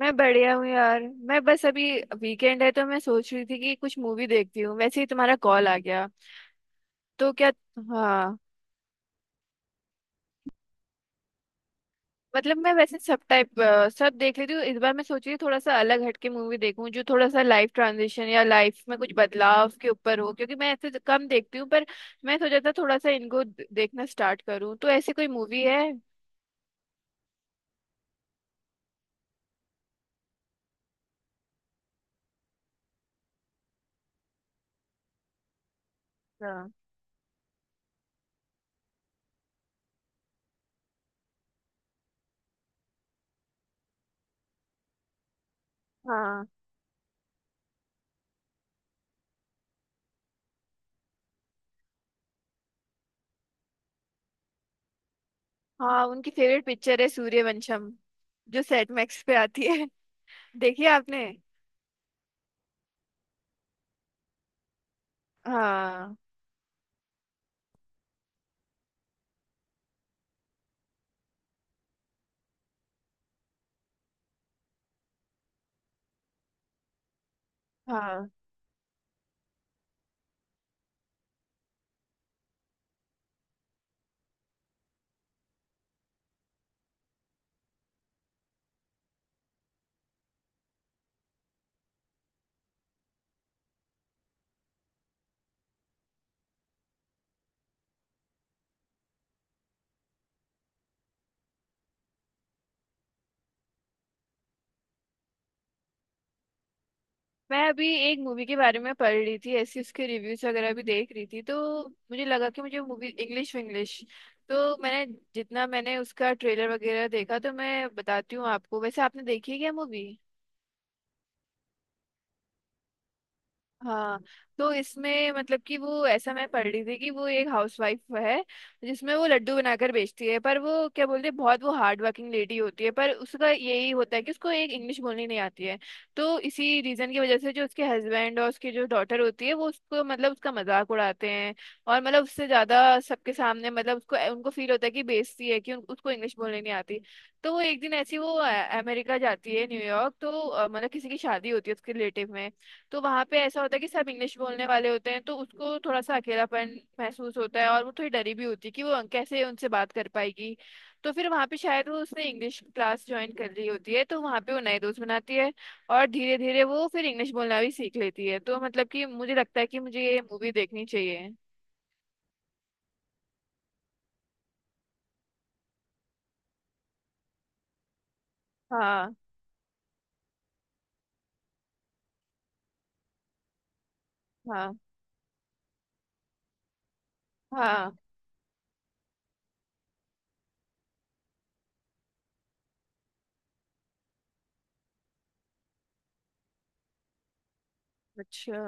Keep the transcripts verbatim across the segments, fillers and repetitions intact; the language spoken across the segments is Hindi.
मैं बढ़िया हूँ यार। मैं बस अभी वीकेंड है तो मैं सोच रही थी कि कुछ मूवी देखती हूँ, वैसे ही तुम्हारा कॉल आ गया। तो क्या, हाँ मतलब मैं वैसे सब टाइप अ, सब देख लेती हूँ। इस बार मैं सोच रही हूँ थोड़ा सा अलग हटके मूवी देखूँ जो थोड़ा सा लाइफ ट्रांजिशन या लाइफ में कुछ बदलाव के ऊपर हो, क्योंकि मैं ऐसे कम देखती हूँ। पर मैं सोचा था थोड़ा सा इनको द- देखना स्टार्ट करूँ, तो ऐसी कोई मूवी है? हाँ। हाँ। हाँ, उनकी फेवरेट पिक्चर है सूर्यवंशम जो सेट मैक्स पे आती है। देखिए आपने। हाँ। हाँ, मैं अभी एक मूवी के बारे में पढ़ रही थी, ऐसी उसके रिव्यूज वगैरह भी देख रही थी, तो मुझे लगा कि मुझे मूवी इंग्लिश इंग्लिश, तो मैंने, जितना मैंने उसका ट्रेलर वगैरह देखा तो मैं बताती हूँ आपको। वैसे आपने देखी है क्या मूवी? हाँ। तो इसमें मतलब कि वो, ऐसा मैं पढ़ रही थी कि वो एक हाउसवाइफ है जिसमें वो लड्डू बनाकर बेचती है, पर वो क्या बोलते हैं, बहुत वो हार्ड वर्किंग लेडी होती है, पर उसका यही होता है कि उसको एक इंग्लिश बोलनी नहीं आती है। तो इसी रीजन की वजह से जो उसके हस्बैंड और उसकी जो डॉटर होती है वो उसको मतलब उसका मजाक उड़ाते हैं, और मतलब उससे ज्यादा सबके सामने मतलब उसको उनको फील होता है कि बेइज्जती है कि उन, उसको इंग्लिश बोलनी नहीं आती। तो वो एक दिन ऐसी वो अ, अमेरिका जाती है न्यूयॉर्क, तो अ, मतलब किसी की शादी होती है उसके रिलेटिव में। तो वहां पे ऐसा होता है कि सब इंग्लिश बोलने वाले होते हैं, तो उसको थोड़ा सा अकेलापन महसूस होता है और वो थोड़ी डरी भी होती है कि वो अं, कैसे उनसे बात कर पाएगी। तो फिर वहां पे शायद वो उसने इंग्लिश क्लास ज्वाइन कर ली होती है, तो वहां पे वो नए दोस्त बनाती है और धीरे धीरे वो फिर इंग्लिश बोलना भी सीख लेती है। तो मतलब कि मुझे लगता है कि मुझे ये मूवी देखनी चाहिए। हाँ। हाँ। हाँ। अच्छा,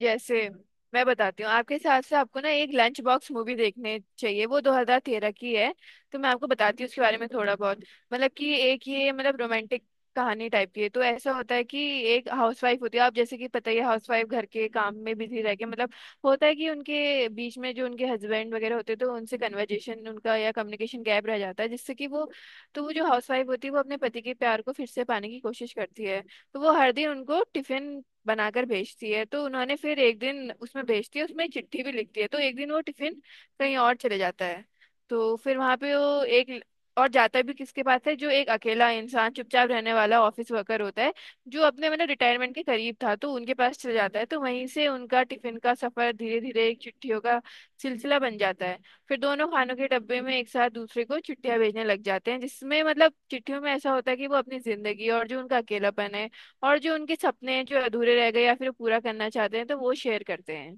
जैसे, मैं बताती हूँ आपके हिसाब से आपको ना एक लंच बॉक्स मूवी देखने चाहिए, वो दो हज़ार तेरह की है। तो मैं आपको बताती हूँ उसके बारे में थोड़ा बहुत। मतलब कि एक ये मतलब रोमांटिक कहानी टाइप की है। तो ऐसा होता है कि एक हाउसवाइफ होती है, आप जैसे कि पता ही है, हाउसवाइफ घर के काम में बिजी रह के मतलब होता है कि उनके बीच में जो उनके हस्बैंड वगैरह होते हैं तो उनसे कन्वर्जेशन उनका या कम्युनिकेशन गैप रह जाता है, जिससे कि वो, तो वो जो हाउसवाइफ होती है वो अपने पति के प्यार को फिर से पाने की कोशिश करती है। तो वो हर दिन उनको टिफिन बनाकर भेजती है, तो उन्होंने फिर एक दिन उसमें भेजती है, उसमें चिट्ठी भी लिखती है। तो एक दिन वो टिफिन कहीं और चले जाता है। तो फिर वहां पे वो एक ल- और जाता भी किसके पास है, जो एक अकेला इंसान, चुपचाप रहने वाला ऑफिस वर्कर होता है जो अपने मतलब रिटायरमेंट के करीब था, तो उनके पास चले जाता है। तो वहीं से उनका टिफिन का सफर धीरे धीरे एक चिट्ठियों का सिलसिला बन जाता है। फिर दोनों खानों के डब्बे में एक साथ दूसरे को चिट्ठियां भेजने लग जाते हैं, जिसमें मतलब चिट्ठियों में ऐसा होता है कि वो अपनी जिंदगी और जो उनका अकेलापन है और जो उनके सपने हैं जो अधूरे रह गए या फिर वो पूरा करना चाहते हैं, तो वो शेयर करते हैं।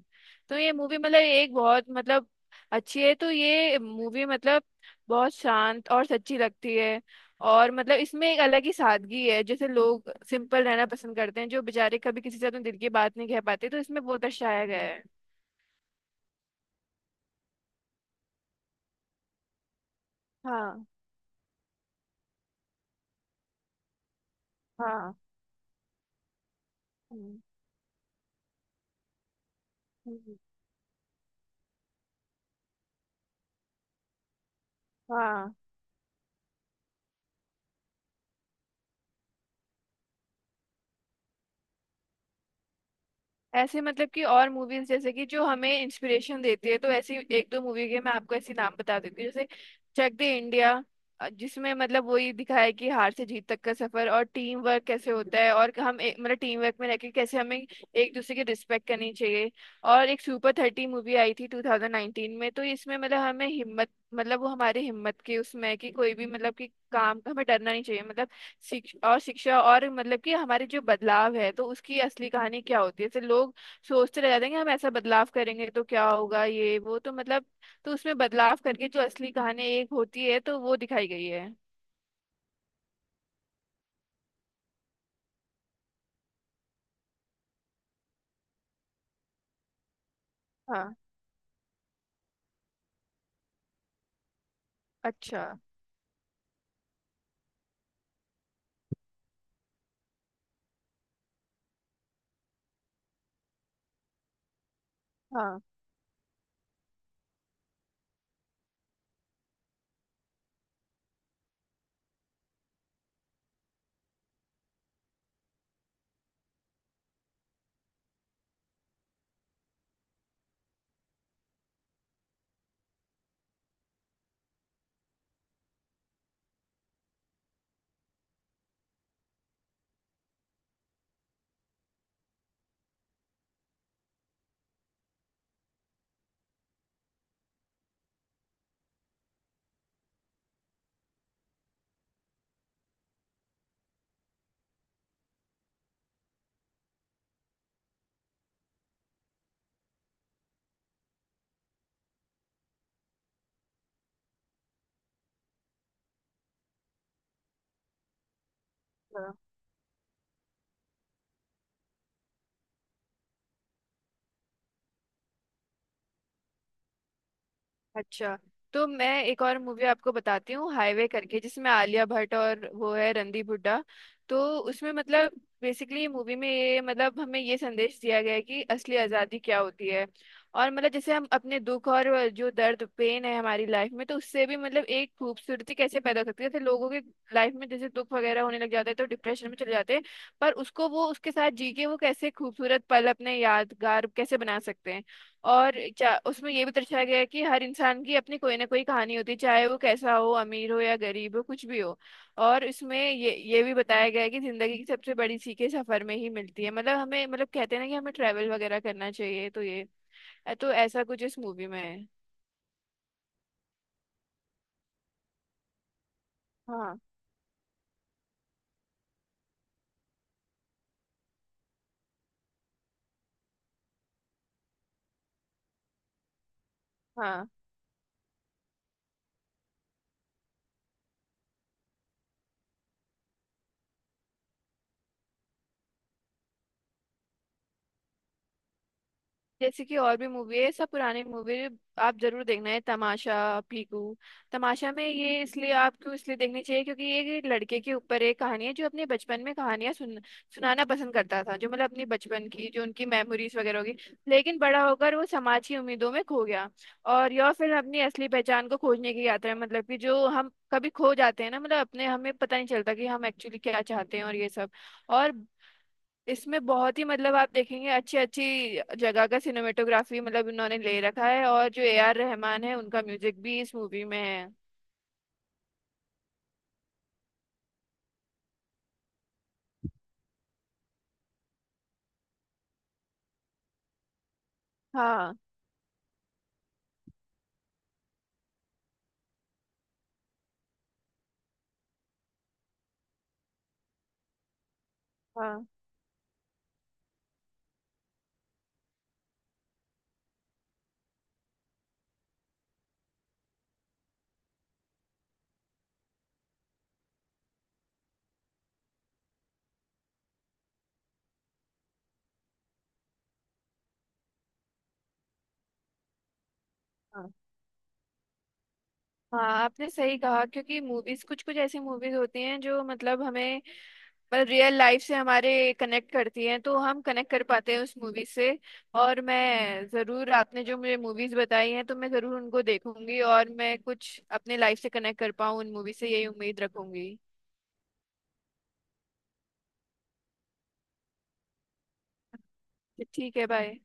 तो ये मूवी मतलब एक बहुत मतलब अच्छी है। तो ये मूवी मतलब बहुत शांत और सच्ची लगती है। और मतलब इसमें एक अलग ही सादगी है, जैसे लोग सिंपल रहना पसंद करते हैं, जो बेचारे कभी किसी से अपने दिल की बात नहीं कह पाते, तो इसमें वो दर्शाया गया है। हाँ। हाँ। हम्म। हम्म, हाँ, ऐसे मतलब कि और मूवीज जैसे कि जो हमें इंस्पिरेशन देती है, तो ऐसी एक दो मूवी के मैं आपको ऐसे नाम बता देती हूँ, जैसे चक दे इंडिया, जिसमें मतलब वही दिखाया है कि हार से जीत तक का सफर और टीम वर्क कैसे होता है और हम एक, मतलब टीम वर्क में रहकर कैसे हमें एक दूसरे की रिस्पेक्ट करनी चाहिए। और एक सुपर थर्टी मूवी आई थी ट्वेंटी नाइनटीन में। तो इसमें मतलब हमें हिम्मत, मतलब वो हमारी हिम्मत की उसमें है कि कोई भी मतलब कि काम का हमें डरना नहीं चाहिए। मतलब शिक्ष और शिक्षा और मतलब कि हमारे जो बदलाव है तो उसकी असली कहानी क्या होती है, जैसे लोग सोचते रह जाते हैं कि हम ऐसा बदलाव करेंगे तो क्या होगा, ये वो तो मतलब, तो उसमें बदलाव करके जो असली कहानी एक होती है तो वो दिखाई गई है। हाँ। अच्छा। हाँ। हाँ, अच्छा, तो मैं एक और मूवी आपको बताती हूँ हाईवे करके, जिसमें आलिया भट्ट और वो है रणदीप हुड्डा। तो उसमें मतलब बेसिकली मूवी में ये मतलब हमें ये संदेश दिया गया है कि असली आज़ादी क्या होती है। और मतलब जैसे हम अपने दुख और जो दर्द पेन है हमारी लाइफ में, तो उससे भी मतलब एक खूबसूरती कैसे पैदा हो सकती है, जैसे लोगों के लाइफ में जैसे दुख वगैरह होने लग जाते हैं तो डिप्रेशन में चले जाते हैं, पर उसको वो उसके साथ जी के वो कैसे खूबसूरत पल अपने यादगार कैसे बना सकते हैं। और चा- उसमें ये भी दर्शाया गया है कि हर इंसान की अपनी कोई ना कोई कहानी होती है, चाहे वो कैसा हो, अमीर हो या गरीब हो, कुछ भी हो। और इसमें ये ये भी बताया गया है कि जिंदगी की सबसे बड़ी सीखें सफर में ही मिलती है, मतलब हमें मतलब कहते हैं ना कि हमें ट्रैवल वगैरह करना चाहिए। तो ये, तो ऐसा कुछ इस मूवी में है। हाँ। हाँ, जैसे कि और भी मूवी है, सब पुराने मूवी, आप जरूर देखना है तमाशा, पीकू। तमाशा में ये इसलिए आपको इसलिए देखनी चाहिए क्योंकि ये एक लड़के के ऊपर एक कहानी है जो अपने बचपन में कहानियां सुन सुनाना पसंद करता था, जो मतलब अपने बचपन की जो उनकी मेमोरीज वगैरह होगी, लेकिन बड़ा होकर वो समाज की उम्मीदों में खो गया। और यह फिल्म अपनी असली पहचान को खोजने की यात्रा है, मतलब कि जो हम कभी खो जाते हैं ना, मतलब अपने हमें पता नहीं चलता कि हम एक्चुअली क्या चाहते हैं और ये सब। और इसमें बहुत ही मतलब आप देखेंगे अच्छी अच्छी जगह का सिनेमेटोग्राफी मतलब इन्होंने ले रखा है, और जो ए आर रहमान है उनका म्यूजिक भी इस मूवी में है। हाँ। हाँ। हाँ। हाँ आपने सही कहा, क्योंकि मूवीज कुछ कुछ ऐसी मूवीज होती हैं जो मतलब हमें, मतलब रियल लाइफ से हमारे कनेक्ट करती हैं तो हम कनेक्ट कर पाते हैं उस मूवी से। और मैं ज़रूर, आपने जो मुझे मूवीज़ बताई हैं तो मैं ज़रूर उनको देखूंगी, और मैं कुछ अपने लाइफ से कनेक्ट कर पाऊँ उन मूवी से यही उम्मीद रखूंगी। ठीक है, बाय।